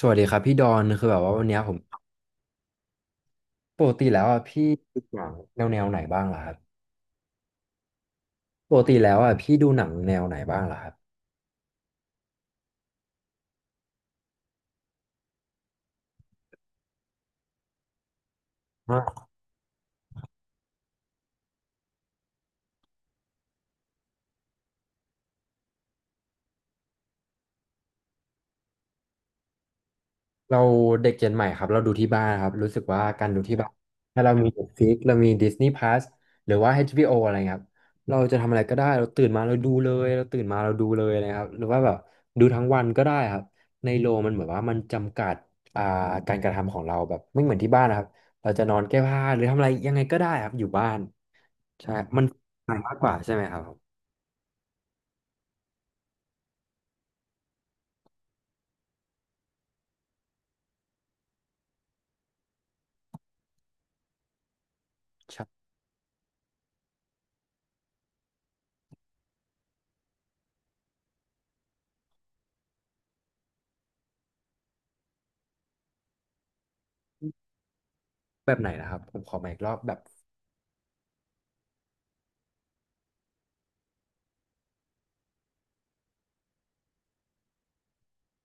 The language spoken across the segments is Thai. สวัสดีครับพี่ดอนคือแบบว่าวันเนี้ยผมปกติแล้วอ่ะพี่ดูหนังแนวไหนบ้างล่ะครับปกติแล้วอ่ะพี่ดูหนังแนวไหนบ้างล่ะครับ เราเด็กเจนใหม่ครับเราดูที่บ้านครับรู้สึกว่าการดูที่บ้านถ้าเรามี Netflix เรามี Disney Plus หรือว่า HBO อชบีโออะไรเงี้ยครับเราจะทำอะไรก็ได้เราตื่นมาเราดูเลยเราตื่นมาเราดูเลยนะครับหรือว่าแบบดูทั้งวันก็ได้ครับในโรงมันเหมือนว่ามันจำกัดอ่าการกระทำของเราแบบไม่เหมือนที่บ้านนะครับเราจะนอนแก้ผ้าหรือทำอะไรยังไงก็ได้ครับอยู่บ้านใช่มันง่ายมากกว่าใช่ไหมครับใช่แบบไหนนะครับผมขอมาอีกรอบแบบ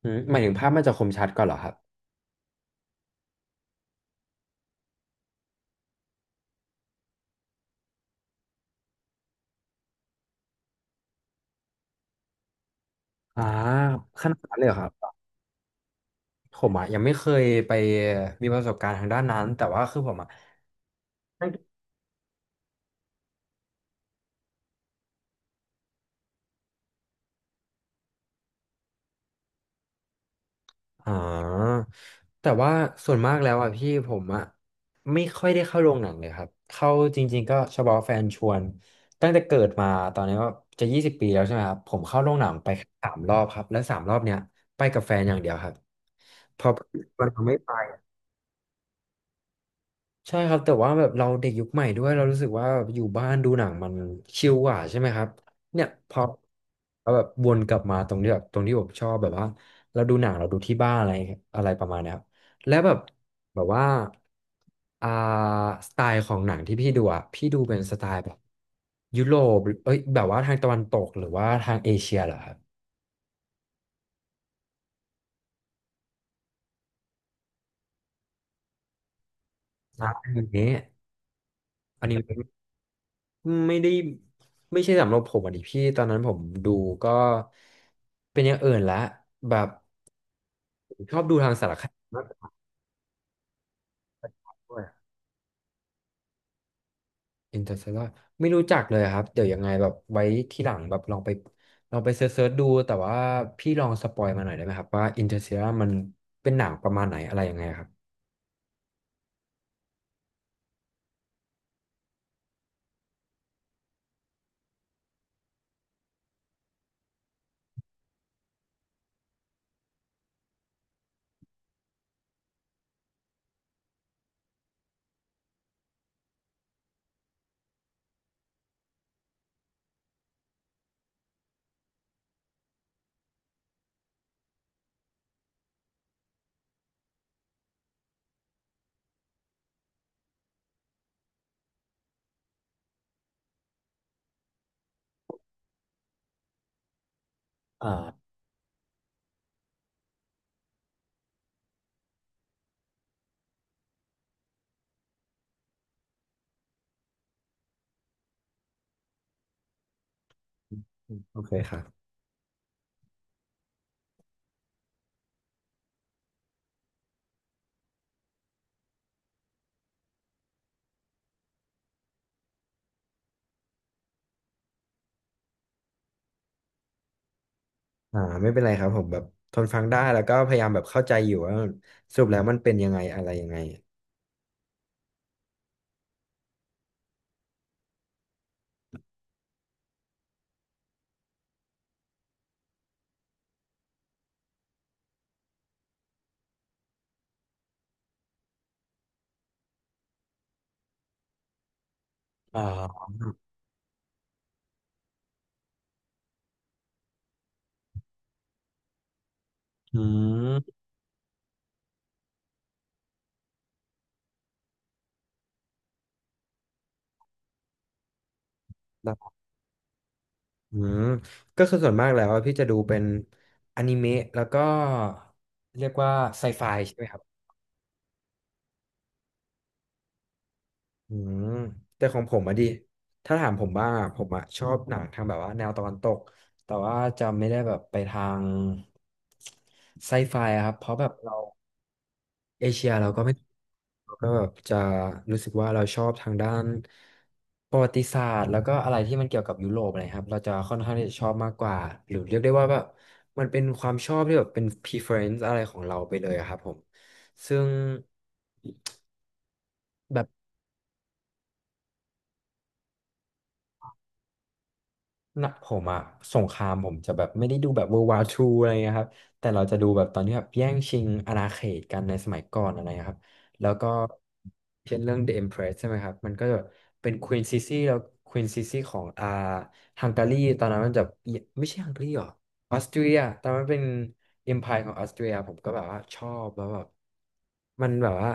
หืมหมายถึงภาพมันจะคมชัดกว่อนเหรอครับอ่าขนาดนั้นเลยเหรอครับ ผมอ่ะยังไม่เคยไปมีประสบการณ์ทางด้านนั้นแต่ว่าคือผมอ่ะอ๋อแต่ว่าส่วนมากแล้วอ่ะพี่ผมอ่ะไม่ค่อยได้เข้าโรงหนังเลยครับเข้าจริงๆก็เฉพาะแฟนชวนตั้งแต่เกิดมาตอนนี้ก็จะ20 ปีแล้วใช่ไหมครับผมเข้าโรงหนังไปแค่สามรอบครับและสามรอบเนี้ยไปกับแฟนอย่างเดียวครับเพอมันไม่ไป ใช่ครับแต่ว่าแบบเราเด็กยุคใหม่ด้วยเรารู้สึกว่าแบบอยู่บ้านดูหนังมันชิลกว่าใช่ไหมครับเนี่ยพอเราแบบวนกลับมาตรงที่แบบตรงที่ผมชอบแบบว่าเราดูหนังเราดูที่บ้านอะไรอะไรประมาณเนี้ยครับแล้วแบบแบบว่าอ่าสไตล์ของหนังที่พี่ดูอ่ะพี่ดูเป็นสไตล์แบบยุโรปเอ้ยแบบว่าทางตะวันตกหรือว่าทางเอเชียเหรอครับอ่าอันนี้ ไม่ได้ไม่ใช่สำหรับผมอ่ะดิพี่ตอนนั้นผมดูก็เป็นอย่างอื่นละแบบผมชอบดูทางสารคดีมากกว่าด้วยอินเตอร์เตลาไม่รู้จักเลยครับเดี๋ยวยังไงแบบไว้ทีหลังแบบลองไปเซิร์ชๆดูแต่ว่าพี่ลองสปอยมาหน่อยได้ไหมครับว่าอินเตอร์เตลามันเป็นหนังประมาณไหนอะไรยังไงครับอ่าโอเคครับอ่าไม่เป็นไรครับผมแบบทนฟังได้แล้วก็พยายามแบบเข้าใจอยู่ว่าสรุปแล้วมันเป็นยังไงอะไรยังไงอ่าอืม อืมก็คือส่วนมากแล้วอะพี่จะดูเป็นอนิเมะแล้วก็เรียกว่าไซไฟใช่ไหมครับอืมแต่ของผมอะดิถ้าถามผมบ้างอะผมอะชอบหนังทางแบบว่าแนวตะวันตกแต่ว่าจะไม่ได้แบบไปทางไซไฟอะครับเพราะแบบเรา เอเชียเราก็ไม่เราก็แบบจะรู้สึกว่าเราชอบทางด้านประวัติศาสตร์แล้วก็อะไรที่มันเกี่ยวกับยุโรปอะไรครับเราจะค่อนข้างที่จะชอบมากกว่าหรือเรียกได้ว่าแบบมันเป็นความชอบที่แบบเป็น preference อะไรของเราไปเลยอะครับผมซึ่ง นะผมอะสงครามผมจะแบบไม่ได้ดูแบบ World War II อะไรเงี้ยครับแต่เราจะดูแบบตอนที่แบบแย่งชิงอาณาเขตกันในสมัยก่อนอะไรเงี้ยครับแล้วก็เช่นเรื่อง The Empress ใช่ไหมครับมันก็จะเป็น Queen Sisi แล้ว Queen Sisi ของอ่าฮังการีตอนนั้นมันจะไม่ใช่ฮังการีหรอออสเตรียตอนนั้นเป็น Empire ของออสเตรียผมก็แบบว่าชอบแล้วแบบ มันแบบว่า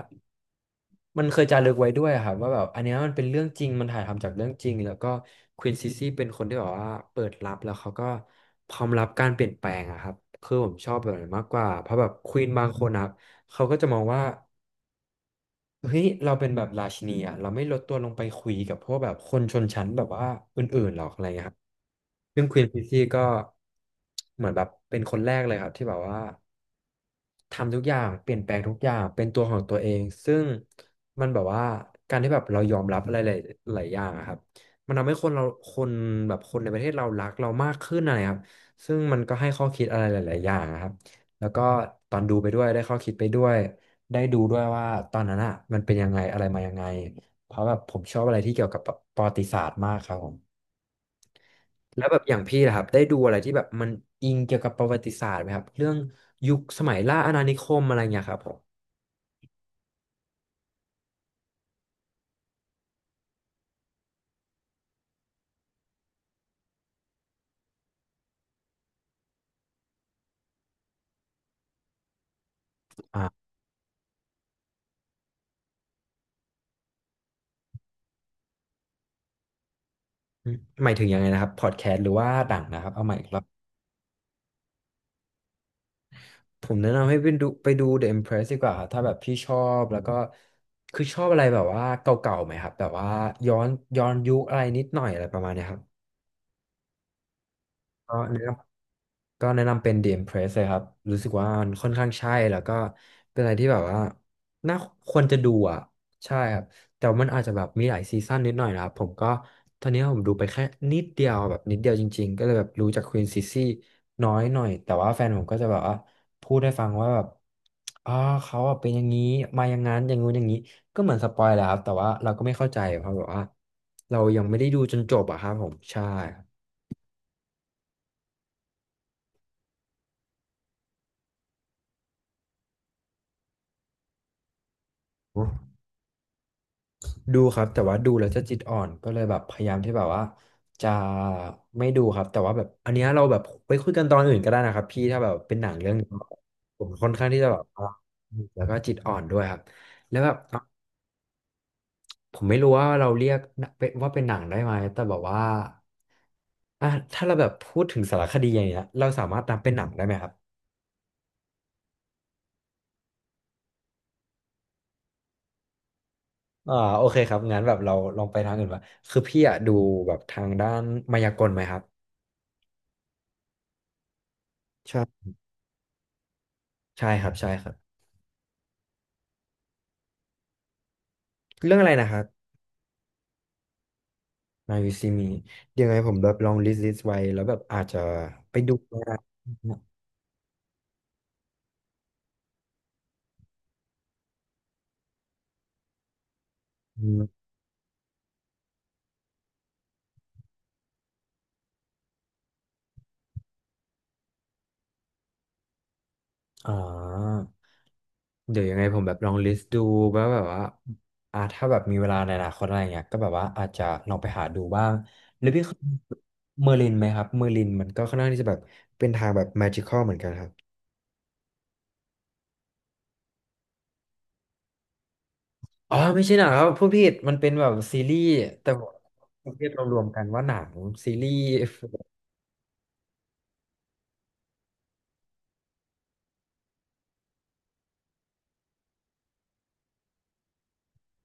มันเคยจารึกไว้ด้วยอะครับว่าแบบอันเนี้ยมันเป็นเรื่องจริงมันถ่ายทำจากเรื่องจริงแล้วก็ควีนซิซี่เป็นคนที่แบบว่าเปิดรับแล้วเขาก็พร้อมรับการเปลี่ยนแปลงอะครับคือผมชอบแบบนั้นมากกว่าเพราะแบบควีนบางคนนะครับเขาก็จะมองว่าเฮ้ยเราเป็นแบบราชินีอะเราไม่ลดตัวลงไปคุยกับพวกแบบคนชนชั้นแบบว่าอื่นๆหรอกอะไรเงี้ยครับซึ่งควีนซิซี่ก็เหมือนแบบเป็นคนแรกเลยครับที่แบบว่า ทำทุกอย่างเปลี่ยนแปลงทุกอย่างเป็นตัวของตัวเองซึ่งมันแบบว่าการที่แบบเรายอมรับอะไรหลายอย่างอะครับมันทำให้คนเราคนแบบคนในประเทศเรารักเรามากขึ้นอะไรครับซึ่งมันก็ให้ข้อคิดอะไรหลายๆอย่างอะครับแล้วก็ตอนดูไปด้วยได้ข้อคิดไปด้วยได้ดูด้วยว่าตอนนั้นอ่ะมันเป็นยังไงอะไรมายังไงเพราะแบบผมชอบอะไรที่เกี่ยวกับประวัติศาสตร์มากครับผมแล้วแบบอย่างพี่นะครับได้ดูอะไรที่แบบมันอิงเกี่ยวกับประวัติศาสตร์ไหมครับเรื่องยุคสมัยล่าอาณานิคมอะไรเงี้ยครับผม อ่าหมายถึงยังไงนะครับพอดแคสต์หรือว่าหนังนะครับเอาใหม่อีกรอบผมแนะนำให้ไปดู The Empress ดีกว่าครับถ้าแบบพี่ชอบแล้วก็คือชอบอะไรแบบว่าเก่าๆไหมครับแบบว่าย้อนย้อนยุคอะไรนิดหน่อยอะไรประมาณเนี้ยครับก็แนะนำ ก็แนะนำเป็น DM Press เลยครับรู้สึกว่ามันค่อนข้างใช่แล้วก็เป็นอะไรที่แบบว่าน่าควรจะดูอ่ะใช่ครับแต่ว่ามันอาจจะแบบมีหลายซีซั่นนิดหน่อยนะครับผมก็ตอนนี้ผมดูไปแค่นิดเดียวแบบนิดเดียวจริงๆก็เลยแบบรู้จากควีนซิซี่น้อยหน่อยแต่ว่าแฟนผมก็จะแบบว่าพูดให้ฟังว่าแบบอ่าเขาอะเป็นอย่างนี้มาอย่างนั้นอย่างงู้นอย่างนี้ก็เหมือนสปอยแหล้วครับแต่ว่าเราก็ไม่เข้าใจเพราะแบบว่าเรายังไม่ได้ดูจนจบอะครับผมใช่ครับ ดูครับแต่ว่าดูแล้วจะจิตอ่อนก็เลยแบบพยายามที่แบบว่าจะไม่ดูครับแต่ว่าแบบอันเนี้ยเราแบบไปคุยกันตอนอื่นก็ได้นะครับพี่ถ้าแบบเป็นหนังเรื่องนี้ผมค่อนข้างที่จะแบบว่าแล้วก็จิตอ่อนด้วยครับแล้วแบบอ่ะผมไม่รู้ว่าเราเรียกว่าเป็นหนังได้ไหมแต่แบบว่าอ่ะถ้าเราแบบพูดถึงสารคดีอย่างเงี้ยเราสามารถนับเป็นหนังได้ไหมครับโอเคครับงั้นแบบเราลองไปทางอื่นว่าคือพี่อะดูแบบทางด้านมายากลไหมครับใช่ใช่ครับใช่ครับเรื่องอะไรนะครับ มาวิซีมีเดี๋ยวไงผมแบบลองลิสต์ไว้แล้วแบบอาจจะไปดูนะอืมอ๋อเดี๋ยวยังไงผมแบบลองลิสต์ดูว่าแบบว่าถ้าแบบมีเวลาในอนาคตอะไรเงี้ยก็แบบว่าอาจจะลองไปหาดูบ้างหรือพี่เคยเมอร์ลินไหมครับเมอร์ลินมันก็ค่อนข้างที่จะแบบเป็นทางแบบแมจิคอลเหมือนกันครับอ๋อไม่ใช่หนังครับพูดผิดมันเป็นแบบซีรีส์แต่ผมเรียกรวมๆกันว่าหนังซีรีส์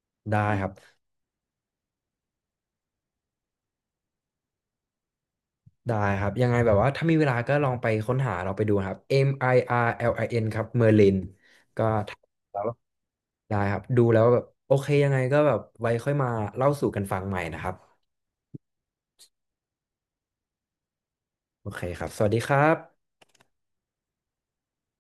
ได้ครับ ได้ครับยังไงแบบว่าถ้ามีเวลาก็ลองไปค้นหาเราไปดูนะครับ MIRLIN ครับเอ็มไออาร์แอลินครับ Merlin ก็ถ้าแล้วได้ครับดูแล้วแบบโอเคยังไงก็แบบไว้ค่อยมาเล่าสู่กันฟังใหม่นะครับโอเคครับสวัสดีครับ